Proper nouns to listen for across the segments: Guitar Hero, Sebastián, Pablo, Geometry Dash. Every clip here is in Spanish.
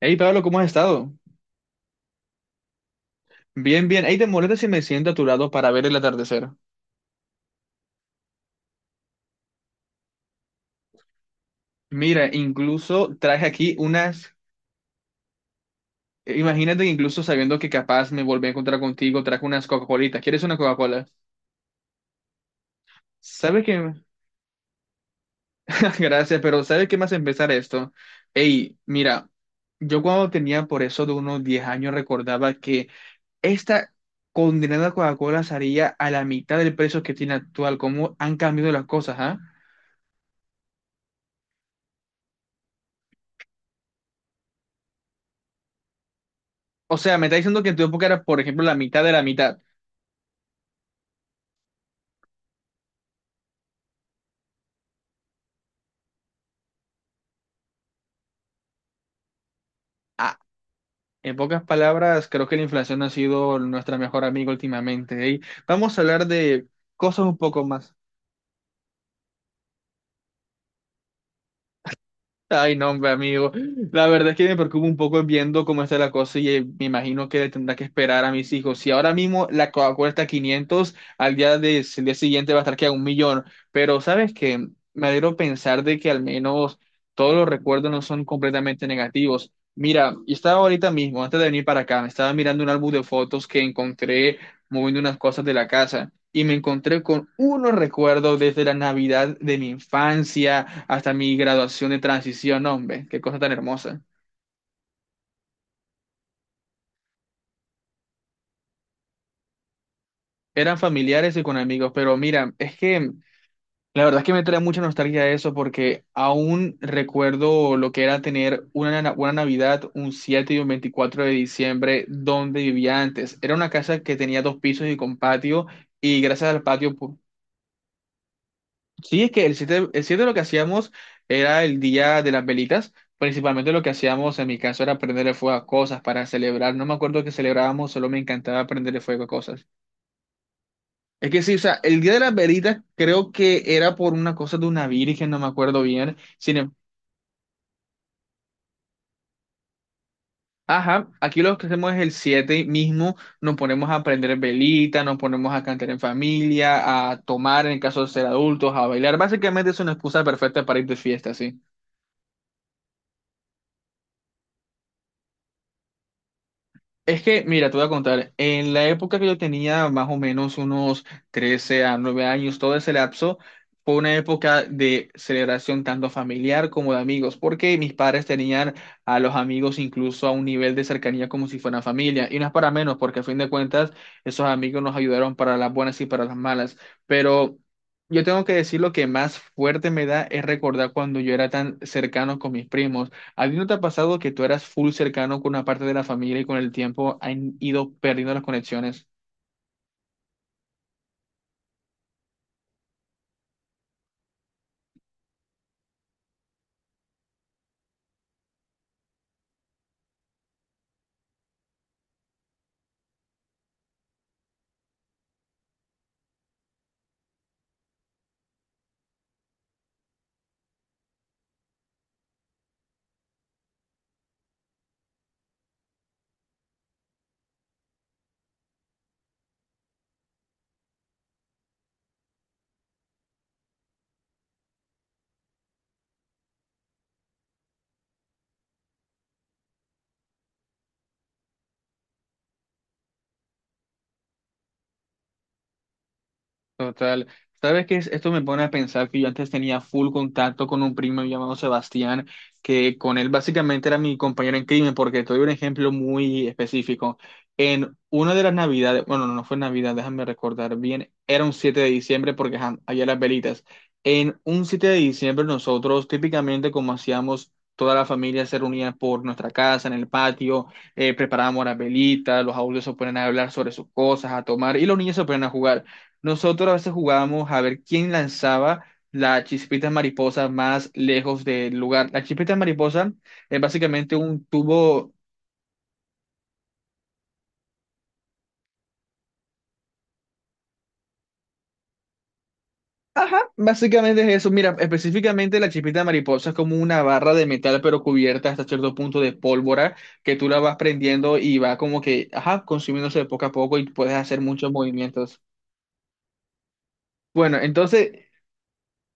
Hey Pablo, ¿cómo has estado? Bien, bien. Hey, ¿te molesta si me siento a tu lado para ver el atardecer? Mira, incluso traje aquí unas. Imagínate que incluso sabiendo que capaz me volví a encontrar contigo, traje unas Coca-Colitas. ¿Quieres una Coca-Cola? ¿Sabes qué? Gracias, pero ¿sabes qué más empezar esto? Hey, mira, yo cuando tenía por eso de unos 10 años recordaba que esta condenada Coca-Cola salía a la mitad del precio que tiene actual. ¿Cómo han cambiado las cosas, ah? O sea, me está diciendo que en tu época era, por ejemplo, la mitad de la mitad. Ah, en pocas palabras, creo que la inflación ha sido nuestra mejor amiga últimamente. ¿Eh? Vamos a hablar de cosas un poco más. Ay, no, hombre, amigo. La verdad es que me preocupa un poco viendo cómo está la cosa y me imagino que tendrá que esperar a mis hijos. Si ahora mismo la Coca-Cola está a 500, al día, el día siguiente va a estar que a un millón. Pero, ¿sabes qué? Me alegro pensar de que al menos todos los recuerdos no son completamente negativos. Mira, y estaba ahorita mismo, antes de venir para acá, me estaba mirando un álbum de fotos que encontré moviendo unas cosas de la casa y me encontré con unos recuerdos desde la Navidad de mi infancia hasta mi graduación de transición. No, hombre, qué cosa tan hermosa. Eran familiares y con amigos, pero mira, es que la verdad es que me trae mucha nostalgia eso porque aún recuerdo lo que era tener una Navidad un 7 y un 24 de diciembre donde vivía antes. Era una casa que tenía dos pisos y con patio, y gracias al patio. Sí, es que el 7, el 7 lo que hacíamos era el día de las velitas. Principalmente lo que hacíamos en mi caso era prenderle fuego a cosas para celebrar. No me acuerdo que celebrábamos, solo me encantaba prenderle fuego a cosas. Es que sí, o sea, el día de las velitas creo que era por una cosa de una virgen, no me acuerdo bien. Sin em- Ajá, aquí lo que hacemos es el 7 mismo, nos ponemos a prender velitas, nos ponemos a cantar en familia, a tomar en caso de ser adultos, a bailar. Básicamente es una excusa perfecta para ir de fiesta, sí. Es que, mira, te voy a contar, en la época que yo tenía más o menos unos 13 a 9 años, todo ese lapso, fue una época de celebración tanto familiar como de amigos, porque mis padres tenían a los amigos incluso a un nivel de cercanía como si fueran familia, y no es para menos, porque a fin de cuentas esos amigos nos ayudaron para las buenas y para las malas, pero... Yo tengo que decir lo que más fuerte me da es recordar cuando yo era tan cercano con mis primos. ¿A ti no te ha pasado que tú eras full cercano con una parte de la familia y con el tiempo han ido perdiendo las conexiones? Total. ¿Sabes qué es? Esto me pone a pensar que yo antes tenía full contacto con un primo llamado Sebastián, que con él básicamente era mi compañero en crimen, porque te doy un ejemplo muy específico. En una de las navidades, bueno, no fue Navidad, déjame recordar bien, era un 7 de diciembre porque ajá, había las velitas. En un 7 de diciembre nosotros típicamente como hacíamos... Toda la familia se reunía por nuestra casa, en el patio, preparábamos las velitas, los adultos se ponían a hablar sobre sus cosas, a tomar, y los niños se ponían a jugar. Nosotros a veces jugábamos a ver quién lanzaba la chispita mariposa más lejos del lugar. La chispita mariposa es básicamente un tubo. Ajá, básicamente es eso. Mira, específicamente la chispita mariposa es como una barra de metal, pero cubierta hasta cierto punto de pólvora, que tú la vas prendiendo y va como que, ajá, consumiéndose poco a poco y puedes hacer muchos movimientos. Bueno, entonces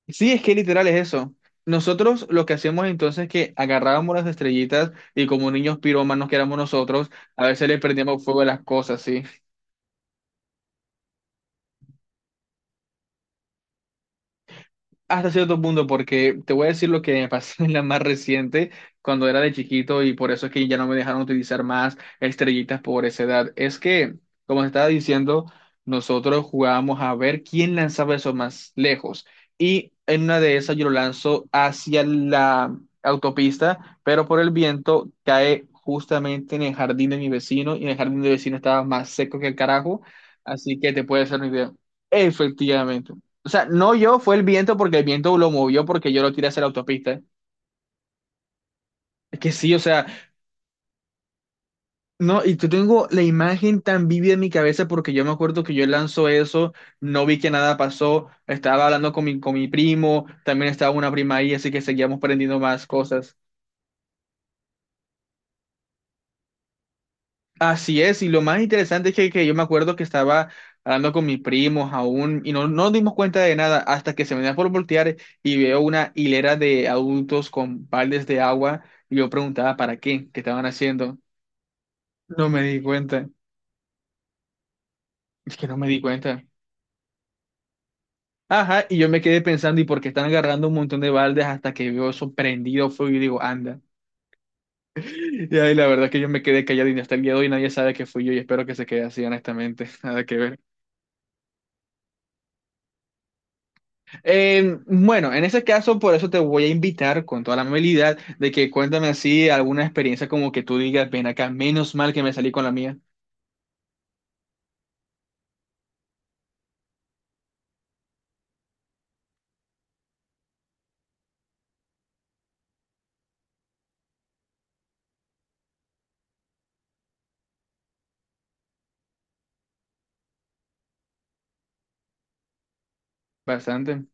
sí, es que literal es eso. Nosotros lo que hacíamos entonces es que agarrábamos las estrellitas y como niños pirómanos que éramos nosotros, a veces le prendíamos fuego a las cosas, ¿sí? Hasta cierto punto, porque te voy a decir lo que me pasó en la más reciente, cuando era de chiquito, y por eso es que ya no me dejaron utilizar más estrellitas por esa edad. Es que, como te estaba diciendo, nosotros jugábamos a ver quién lanzaba eso más lejos. Y en una de esas yo lo lanzo hacia la autopista, pero por el viento cae justamente en el jardín de mi vecino, y en el jardín de mi vecino estaba más seco que el carajo, así que te puedes hacer una idea. Efectivamente. O sea, no yo, fue el viento porque el viento lo movió porque yo lo tiré hacia la autopista. Es que sí, o sea, no, y yo tengo la imagen tan vívida en mi cabeza porque yo me acuerdo que yo lanzó eso, no vi que nada pasó, estaba hablando con mi primo, también estaba una prima ahí, así que seguíamos aprendiendo más cosas. Así es, y lo más interesante es que yo me acuerdo que estaba hablando con mis primos aún y no, no nos dimos cuenta de nada hasta que se me da por voltear y veo una hilera de adultos con baldes de agua y yo preguntaba para qué, qué estaban haciendo. No me di cuenta, es que no me di cuenta. Ajá, y yo me quedé pensando y por qué están agarrando un montón de baldes hasta que veo eso prendido fuego y digo, anda. Y ahí la verdad es que yo me quedé callado y hasta el día de hoy nadie sabe que fui yo y espero que se quede así honestamente, nada que ver. Bueno, en ese caso, por eso te voy a invitar con toda la amabilidad de que cuéntame así alguna experiencia como que tú digas, ven acá, menos mal que me salí con la mía. Bastante.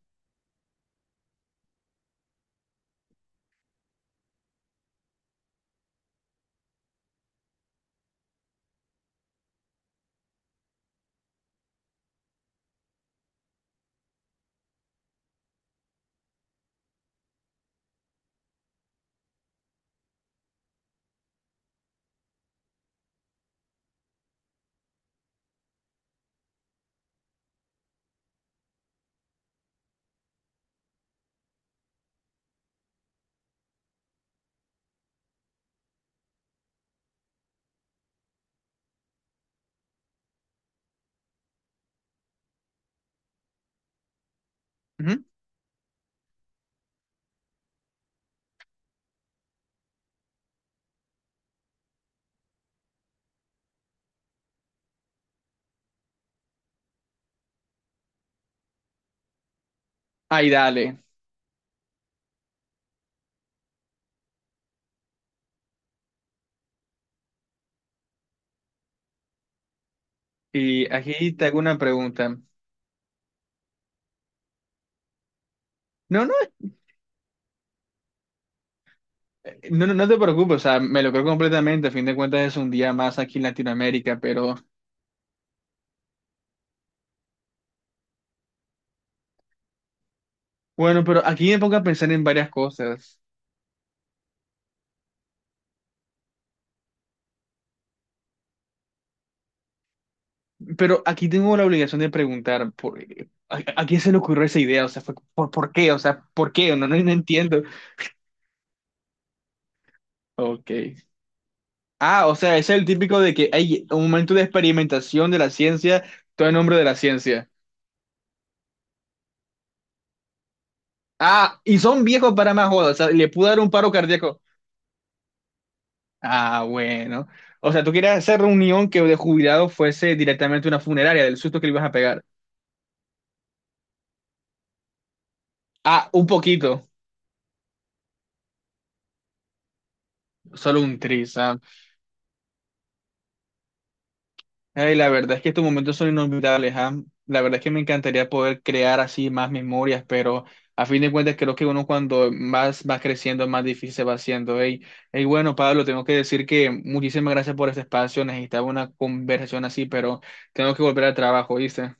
Ujú. Ay, dale. Y aquí te hago una pregunta. No, no, no, no no te preocupes, o sea, me lo creo completamente. A fin de cuentas es un día más aquí en Latinoamérica, pero bueno, pero aquí me pongo a pensar en varias cosas. Pero aquí tengo la obligación de preguntar, ¿A quién se le ocurrió esa idea? O sea, fue, ¿Por qué? O sea, ¿por qué? No, no, no entiendo. Ok. Ah, o sea, es el típico de que hay un momento de experimentación de la ciencia, todo en nombre de la ciencia. Ah, y son viejos para más jodas, o sea, le pudo dar un paro cardíaco. Ah, bueno. O sea, tú querías hacer reunión que de jubilado fuese directamente una funeraria, del susto que le ibas a pegar. Ah, un poquito, solo un tris. Ah. Ay, la verdad es que estos momentos son inolvidables, ¿ah? La verdad es que me encantaría poder crear así más memorias, pero a fin de cuentas creo que uno cuando más va creciendo, más difícil se va haciendo. Y bueno, Pablo, tengo que decir que muchísimas gracias por este espacio. Necesitaba una conversación así, pero tengo que volver al trabajo, ¿viste?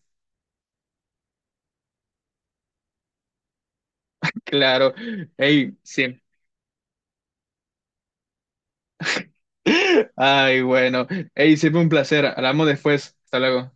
Claro. Ey, sí. Ay, bueno. Ey, siempre un placer. Hablamos después. Hasta luego.